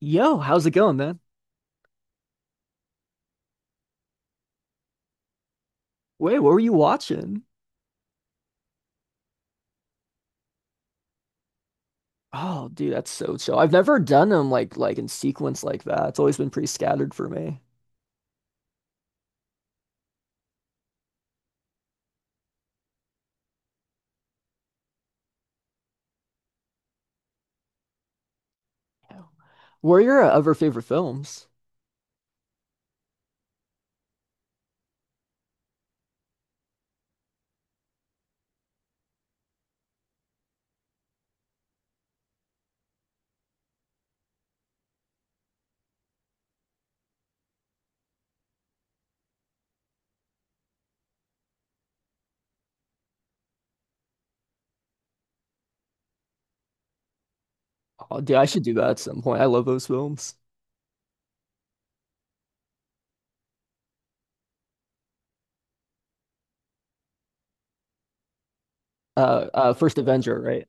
Yo, how's it going, man? Wait, what were you watching? Oh, dude, that's so chill. I've never done them like in sequence like that. It's always been pretty scattered for me. Yeah. What are your other favorite films? Oh, dude, I should do that at some point. I love those films. First Avenger, right?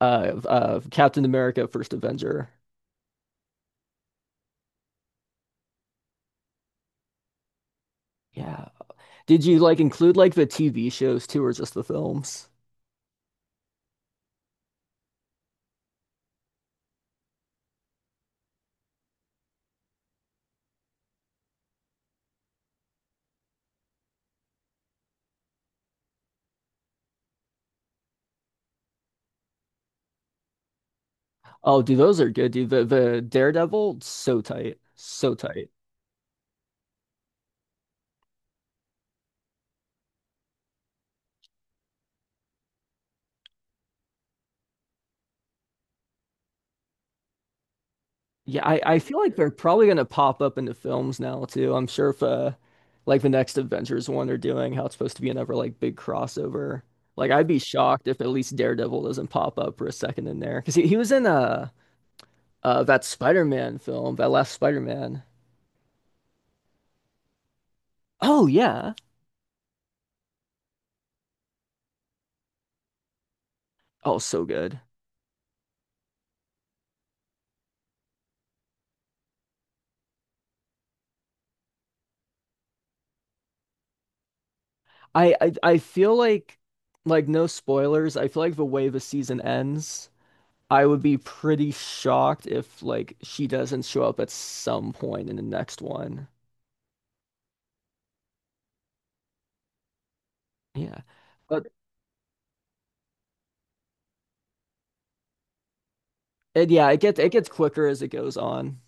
Captain America, First Avenger. Yeah. Did you like include like the TV shows too, or just the films? Oh, dude, those are good, dude. The Daredevil, so tight, so tight. Yeah, I feel like they're probably going to pop up into films now too. I'm sure if like the next Avengers one they're doing, how it's supposed to be another like big crossover. Like I'd be shocked if at least Daredevil doesn't pop up for a second in there because he was in that Spider-Man film, that last Spider-Man. Oh yeah. Oh, so good. I feel like no spoilers. I feel like the way the season ends, I would be pretty shocked if like she doesn't show up at some point in the next one. Yeah. But and yeah, it gets quicker as it goes on.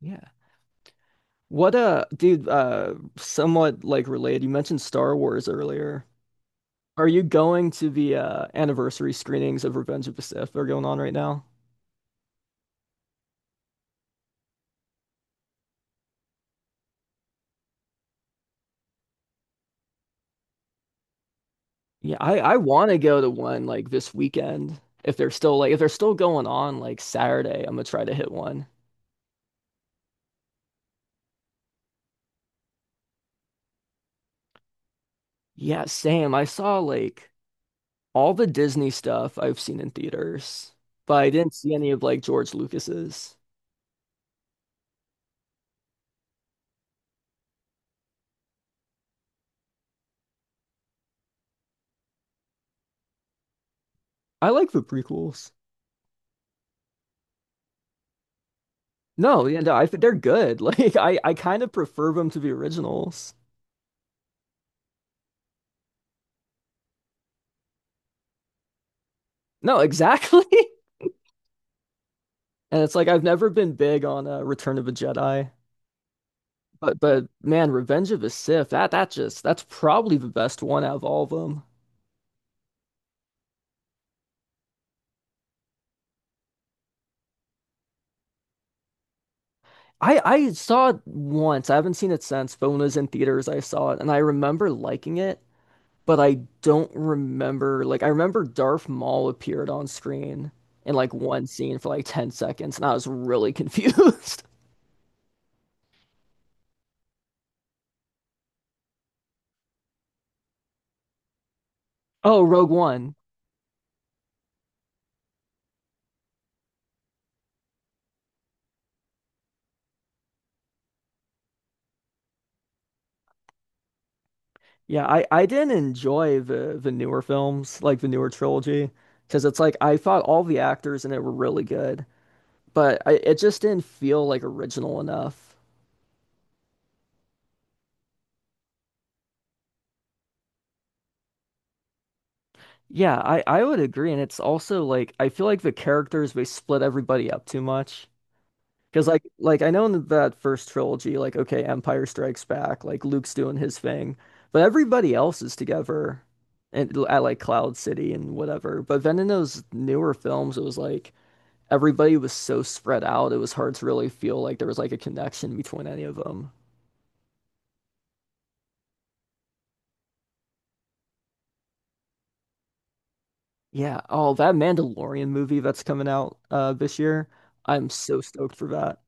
Yeah. What dude, somewhat like related, you mentioned Star Wars earlier. Are you going to the anniversary screenings of Revenge of the Sith that are going on right now? Yeah, I want to go to one like this weekend. If they're still like if they're still going on like Saturday, I'm gonna try to hit one. Yeah, same. I saw like all the Disney stuff I've seen in theaters, but I didn't see any of like George Lucas's. I like the prequels. No, yeah, no, I think they're good. Like I kind of prefer them to the originals. No, exactly. And it's like I've never been big on Return of the Jedi, but man, Revenge of the Sith, that's probably the best one out of all of them. I saw it once. I haven't seen it since, but when it was in theaters, I saw it and I remember liking it, but I don't remember I remember Darth Maul appeared on screen in like one scene for like 10 seconds and I was really confused. Oh, Rogue One. Yeah, I didn't enjoy the newer films, like the newer trilogy, because it's like I thought all the actors in it were really good, but it just didn't feel like original enough. Yeah, I would agree, and it's also like I feel like the characters they split everybody up too much. Because like I know in that first trilogy, like okay, Empire Strikes Back, like Luke's doing his thing, but everybody else is together, and at like Cloud City and whatever. But then in those newer films, it was like everybody was so spread out, it was hard to really feel like there was like a connection between any of them. Yeah. Oh, that Mandalorian movie that's coming out this year. I'm so stoked for that.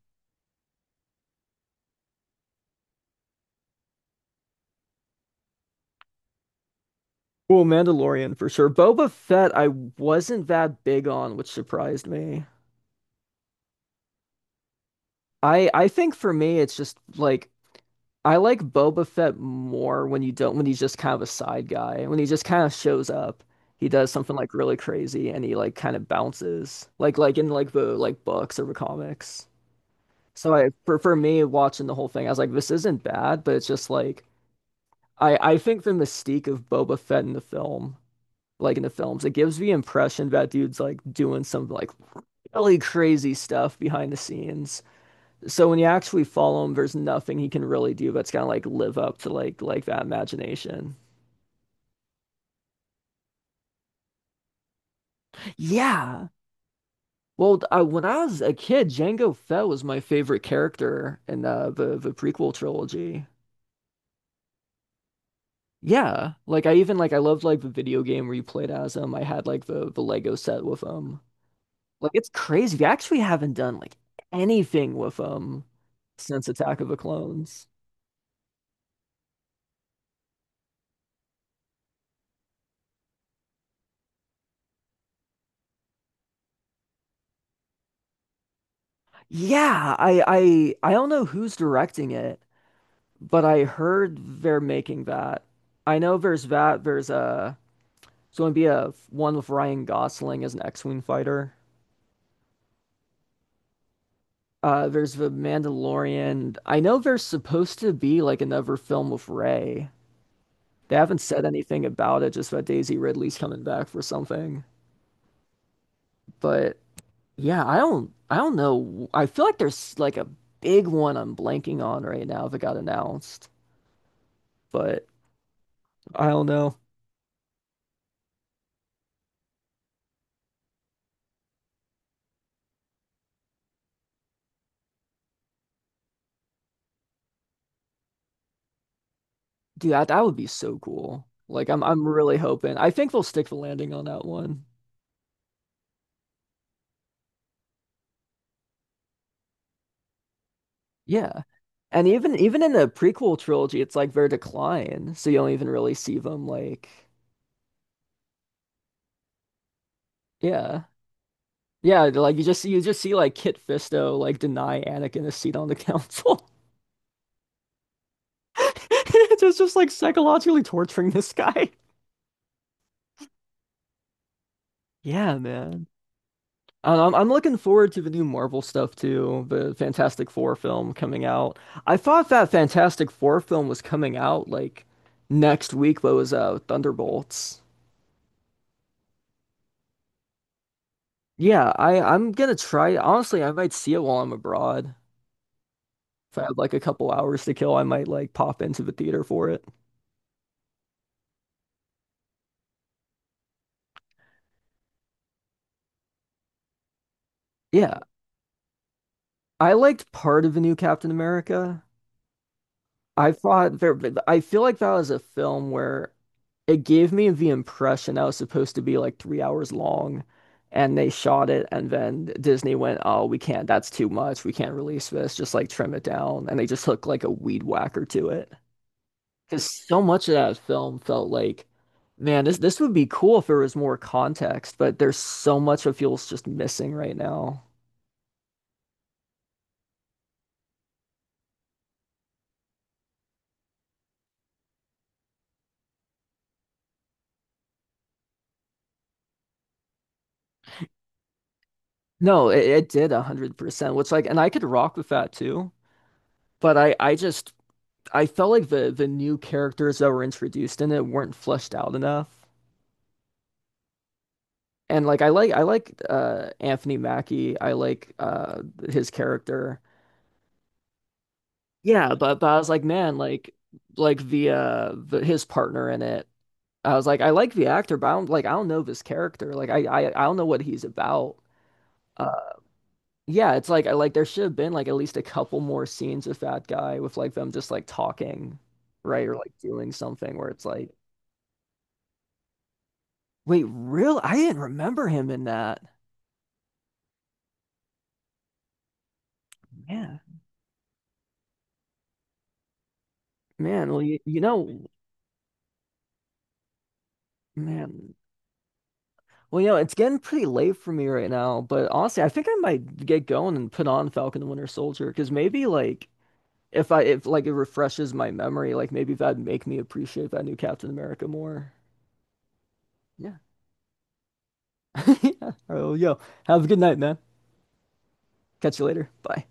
Well, Mandalorian for sure. Boba Fett, I wasn't that big on, which surprised me. I think for me it's just like I like Boba Fett more when you don't when he's just kind of a side guy. When he just kind of shows up, he does something like really crazy and he like kind of bounces. Like in like the like books or the comics. So for me, watching the whole thing, I was like, this isn't bad, but it's just like I think the mystique of Boba Fett in the film, like in the films, it gives the impression that dude's like doing some like really crazy stuff behind the scenes. So when you actually follow him, there's nothing he can really do that's gonna like live up to like that imagination. Yeah. Well, when I was a kid, Jango Fett was my favorite character in the prequel trilogy. Yeah, like I loved like the video game where you played as them. I had like the Lego set with them. Like it's crazy. We actually haven't done like anything with them since Attack of the Clones. Yeah, I don't know who's directing it, but I heard they're making that. I know there's that. There's it's going to be a one with Ryan Gosling as an X-Wing fighter. There's the Mandalorian. I know there's supposed to be like another film with Rey. They haven't said anything about it, just that Daisy Ridley's coming back for something. But yeah, I don't know. I feel like there's like a big one I'm blanking on right now that got announced. But I don't know. Dude, that, that would be so cool. Like I'm really hoping. I think they'll stick the landing on that one. Yeah. And even in the prequel trilogy, it's like their decline, so you don't even really see them like yeah. Yeah, like you just see like Kit Fisto like deny Anakin a seat on the council. It's just like psychologically torturing this guy. Yeah, man. I- am I'm looking forward to the new Marvel stuff too, the Fantastic Four film coming out. I thought that Fantastic Four film was coming out like next week, but it was Thunderbolts. Yeah, I'm gonna try. Honestly, I might see it while I'm abroad. If I have like a couple hours to kill, I might like pop into the theater for it. Yeah, I liked part of the new Captain America. I thought there, but I feel like that was a film where it gave me the impression that was supposed to be like 3 hours long, and they shot it, and then Disney went, "Oh, we can't. That's too much. We can't release this. Just like trim it down." And they just hooked like a weed whacker to it. Because so much of that film felt like, man, this would be cool if there was more context, but there's so much that feels just missing right now. No, it did 100%, which like, and I could rock with that too. But I just I felt like the new characters that were introduced in it weren't fleshed out enough. And I like Anthony Mackie. I like his character. Yeah, but I was like, man, like the his partner in it. I was like, I like the actor, but I don't know this character. I don't know what he's about. Uh, yeah, it's like I like there should have been like at least a couple more scenes with that guy with like them just like talking, right? Or like doing something where it's like wait, real? I didn't remember him in that. Yeah, man. Well, you know, man. Well, you know, it's getting pretty late for me right now, but honestly, I think I might get going and put on Falcon and Winter Soldier because maybe like if like it refreshes my memory, like maybe that'd make me appreciate that new Captain America more. Yeah. Yeah. Oh, yo, have a good night, man. Catch you later. Bye.